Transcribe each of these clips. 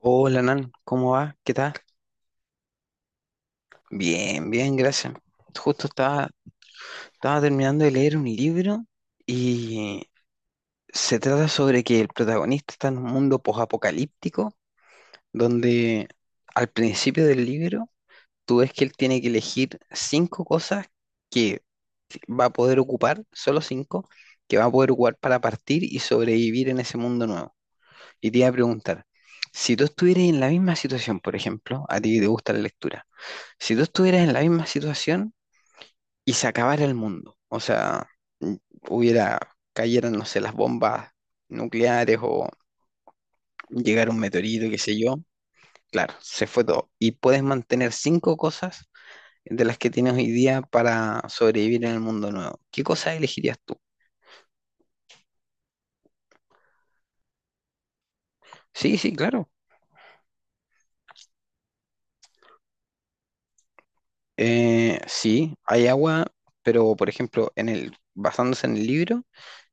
Hola, Nan, ¿cómo va? ¿Qué tal? Bien, bien, gracias. Justo estaba terminando de leer un libro y se trata sobre que el protagonista está en un mundo posapocalíptico donde al principio del libro tú ves que él tiene que elegir cinco cosas que va a poder ocupar, solo cinco, que va a poder ocupar para partir y sobrevivir en ese mundo nuevo. Y te iba a preguntar, si tú estuvieras en la misma situación, por ejemplo, a ti que te gusta la lectura, si tú estuvieras en la misma situación y se acabara el mundo, o sea, mm, hubiera, cayeran, no sé, las bombas nucleares o llegara un meteorito, qué sé yo, claro, se fue todo. Y puedes mantener cinco cosas de las que tienes hoy día para sobrevivir en el mundo nuevo. ¿Qué cosas elegirías tú? Sí, sí, claro. Sí, hay agua, pero por ejemplo, basándose en el libro.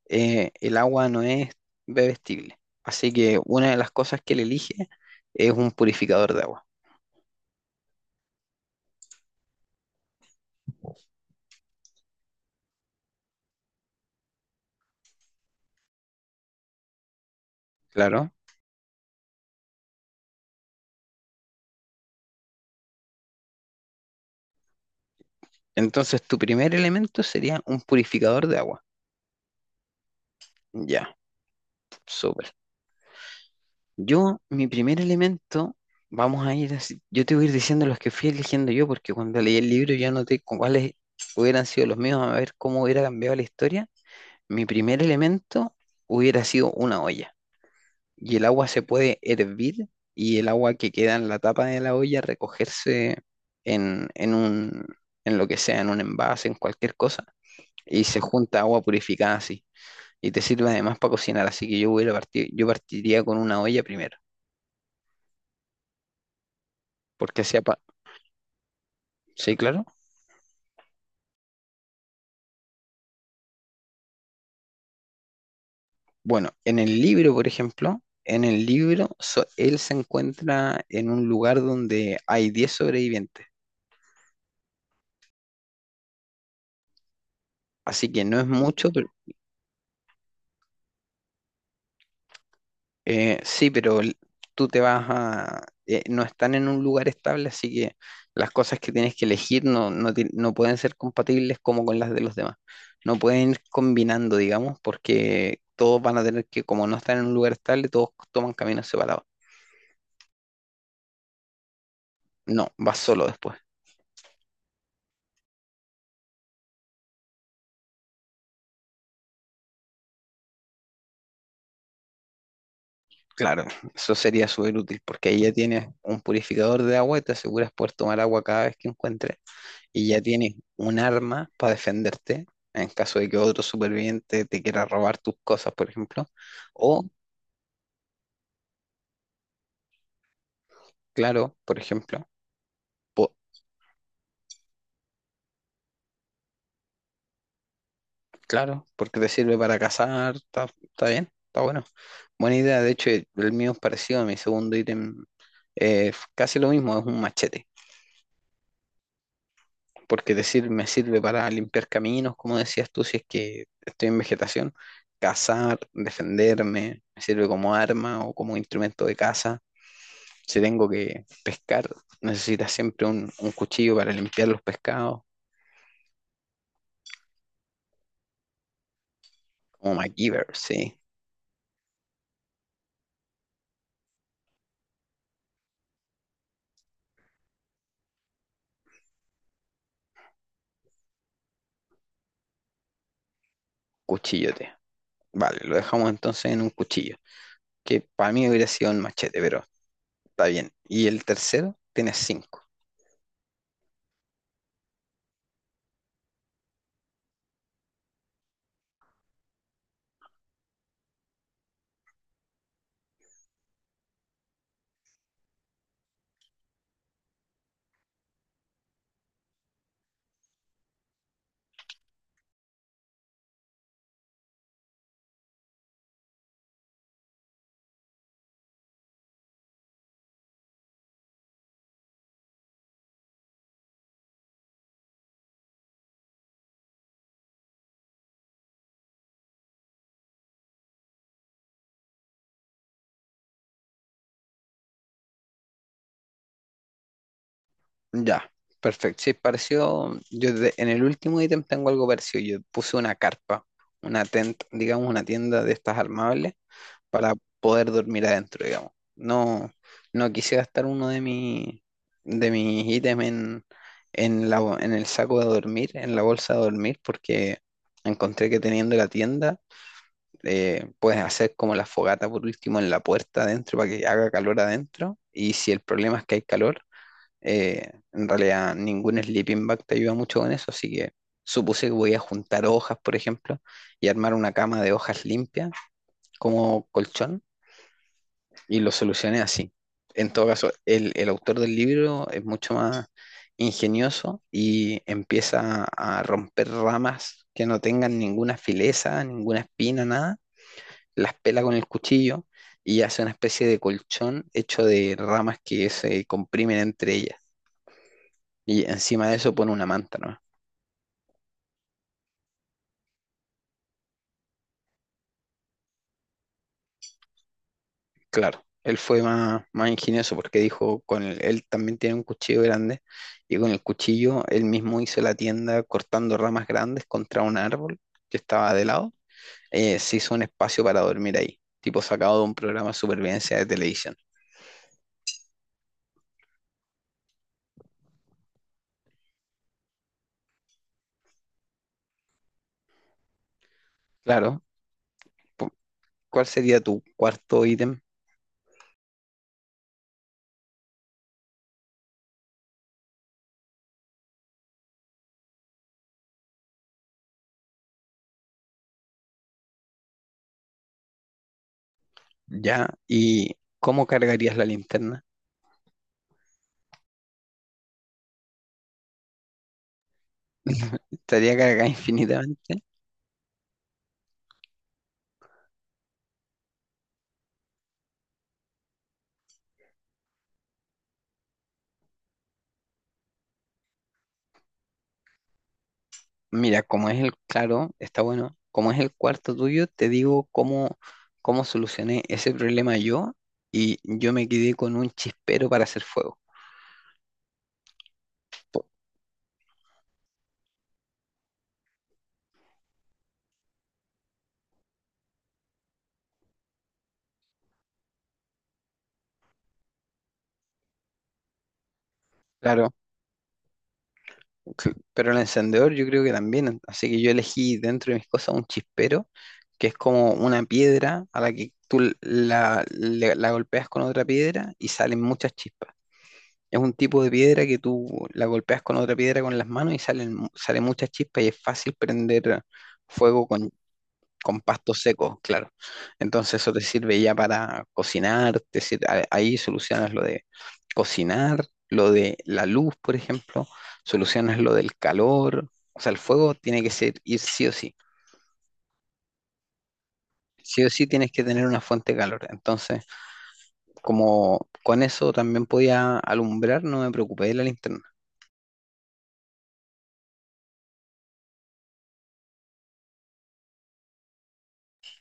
El agua no es bebestible. Así que una de las cosas que él elige es un purificador de agua, claro. Entonces tu primer elemento sería un purificador de agua. Ya, súper. Mi primer elemento, vamos a ir así. Yo te voy a ir diciendo los que fui eligiendo yo, porque cuando leí el libro ya noté cuáles hubieran sido los míos, a ver cómo hubiera cambiado la historia. Mi primer elemento hubiera sido una olla. Y el agua se puede hervir y el agua que queda en la tapa de la olla recogerse en, en un, en lo que sea, en un envase, en cualquier cosa, y se junta agua purificada así. Y te sirve además para cocinar, así que yo partiría con una olla primero, porque ¿sí, claro? Bueno, en el libro, por ejemplo, en el libro so- él se encuentra en un lugar donde hay 10 sobrevivientes, así que no es mucho. Sí, pero tú te vas a... no están en un lugar estable, así que las cosas que tienes que elegir no pueden ser compatibles como con las de los demás. No pueden ir combinando, digamos, porque todos van a tener que, como no están en un lugar estable, todos toman caminos separados. No, vas solo después. Claro, eso sería súper útil porque ahí ya tienes un purificador de agua y te aseguras poder tomar agua cada vez que encuentres. Y ya tienes un arma para defenderte en caso de que otro superviviente te quiera robar tus cosas, por ejemplo. O, claro, por ejemplo, po- claro, porque te sirve para cazar, está bien, está bueno. Buena idea, de hecho, el mío es parecido a mi segundo ítem, casi lo mismo, es un machete. Porque me sirve para limpiar caminos, como decías tú, si es que estoy en vegetación, cazar, defenderme, me sirve como arma o como instrumento de caza. Si tengo que pescar, necesitas siempre un cuchillo para limpiar los pescados, como MacGyver, sí, cuchillote. Vale, lo dejamos entonces en un cuchillo, que para mí hubiera sido un machete, pero está bien. Y el tercero tiene cinco. Ya, perfecto. Sí, pareció, en el último ítem tengo algo parecido. Yo puse una carpa, una tent, digamos una tienda de estas armables, para poder dormir adentro, digamos. No, no quise gastar uno de mis ítems en, en el saco de dormir, en la bolsa de dormir, porque encontré que teniendo la tienda, puedes hacer como la fogata por último en la puerta adentro para que haga calor adentro. Y si el problema es que hay calor, en realidad ningún sleeping bag te ayuda mucho con eso, así que supuse que voy a juntar hojas, por ejemplo, y armar una cama de hojas limpias como colchón y lo solucioné así. En todo caso, el autor del libro es mucho más ingenioso y empieza a romper ramas que no tengan ninguna fileza, ninguna espina, nada. Las pela con el cuchillo y hace una especie de colchón hecho de ramas que se comprimen entre ellas. Y encima de eso pone una manta, ¿no? Claro, él fue más, más ingenioso porque dijo, él también tiene un cuchillo grande y con el cuchillo él mismo hizo la tienda cortando ramas grandes contra un árbol que estaba de lado. Se hizo un espacio para dormir ahí, tipo sacado de un programa de supervivencia de televisión. Claro, pu- ¿cuál sería tu cuarto ítem ya? ¿Y cómo cargarías la linterna? ¿Estaría cargada infinitamente? Mira, como es el, claro, está bueno. Como es el cuarto tuyo, te digo cómo solucioné ese problema yo y yo me quedé con un chispero para hacer fuego. Po- Claro, pero el encendedor yo creo que también, así que yo elegí dentro de mis cosas un chispero, que es como una piedra a la que tú l- la, le- la golpeas con otra piedra y salen muchas chispas. Es un tipo de piedra que tú la golpeas con otra piedra con las manos y salen muchas chispas y es fácil prender fuego con pastos secos, claro. Entonces eso te sirve ya para cocinar, ahí solucionas lo de cocinar, lo de la luz, por ejemplo, solucionas lo del calor, o sea, el fuego tiene que ir sí o sí. Sí o sí tienes que tener una fuente de calor. Entonces, como con eso también podía alumbrar, no me preocupé de la linterna.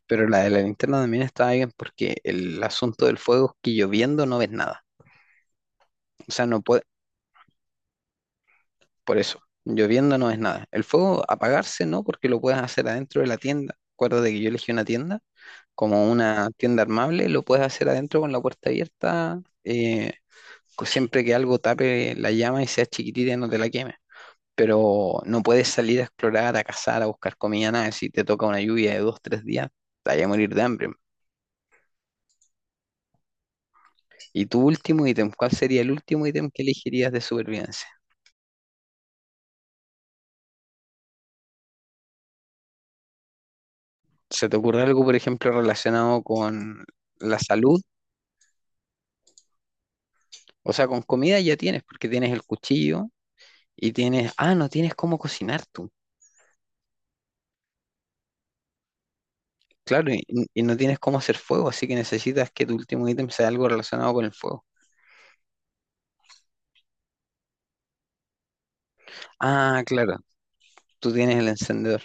Pero la de la linterna también estaba bien porque el asunto del fuego es que lloviendo no ves nada. O sea, no, pue- por eso, lloviendo no es nada. El fuego apagarse no, porque lo puedes hacer adentro de la tienda. Acuérdate que yo elegí una tienda, como una tienda armable, lo puedes hacer adentro con la puerta abierta, siempre que algo tape la llama y sea chiquitita y no te la queme. Pero no puedes salir a explorar, a cazar, a buscar comida, nada. Si te toca una lluvia de 2, 3 días, te vas a morir de hambre. ¿Y tu último ítem? ¿Cuál sería el último ítem que elegirías de supervivencia? ¿Se te ocurre algo, por ejemplo, relacionado con la salud? O sea, con comida ya tienes, porque tienes el cuchillo y tienes, no tienes cómo cocinar tú. Claro, y no tienes cómo hacer fuego, así que necesitas que tu último ítem sea algo relacionado con el fuego. Ah, claro, tú tienes el encendedor.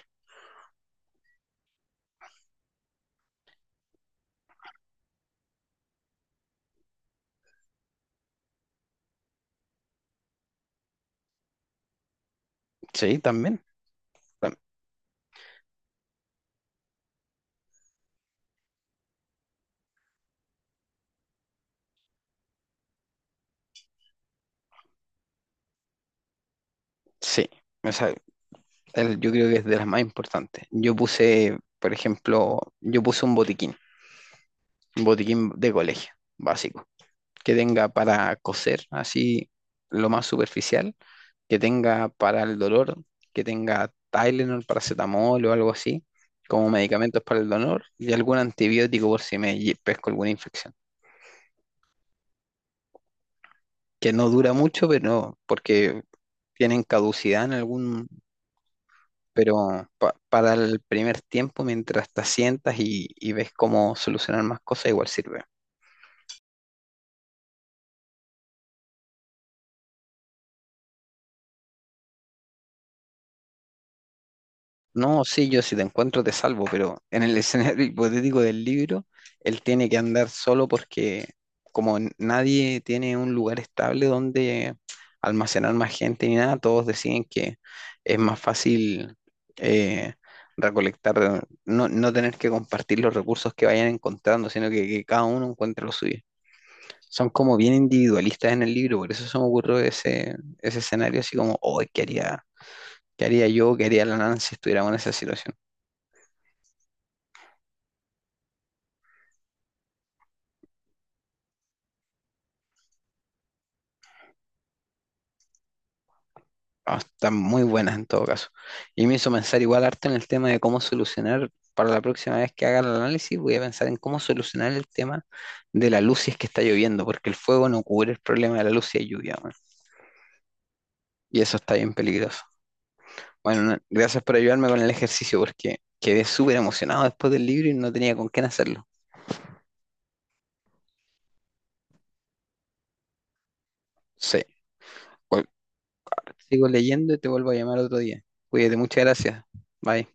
Sí, también. tam- Sí, o sea, yo creo que es de las más importantes. Yo puse, por ejemplo, yo puse un botiquín de colegio, básico, que tenga para coser así lo más superficial, que tenga para el dolor, que tenga Tylenol, paracetamol o algo así, como medicamentos para el dolor, y algún antibiótico por si pesco alguna infección, que no dura mucho, pero porque tienen caducidad pero para el primer tiempo, mientras te sientas y ves cómo solucionar más cosas, igual sirve. No, sí, yo si te encuentro te salvo, pero en el escenario hipotético del libro, él tiene que andar solo porque nadie tiene un lugar estable donde almacenar más gente ni nada, todos deciden que es más fácil eh, recolectar, no, no tener que compartir los recursos que vayan encontrando, sino que cada uno encuentre lo suyo. Son como bien individualistas en el libro, por eso se me ocurrió ese escenario así como, oh, qué haría yo, qué haría la Nancy si estuviéramos en esa situación? Ah, están muy buenas en todo caso. Y me hizo pensar igual harto en el tema de cómo solucionar, para la próxima vez que haga el análisis, voy a pensar en cómo solucionar el tema de la luz si es que está lloviendo, porque el fuego no cubre el problema de la luz si hay lluvia, weón. Y eso está bien peligroso. Bueno, gracias por ayudarme con el ejercicio, porque quedé súper emocionado después del libro y no tenía con quién hacerlo. Sí, Cual- sigo leyendo y te vuelvo a llamar otro día. Cuídate, muchas gracias. Bye.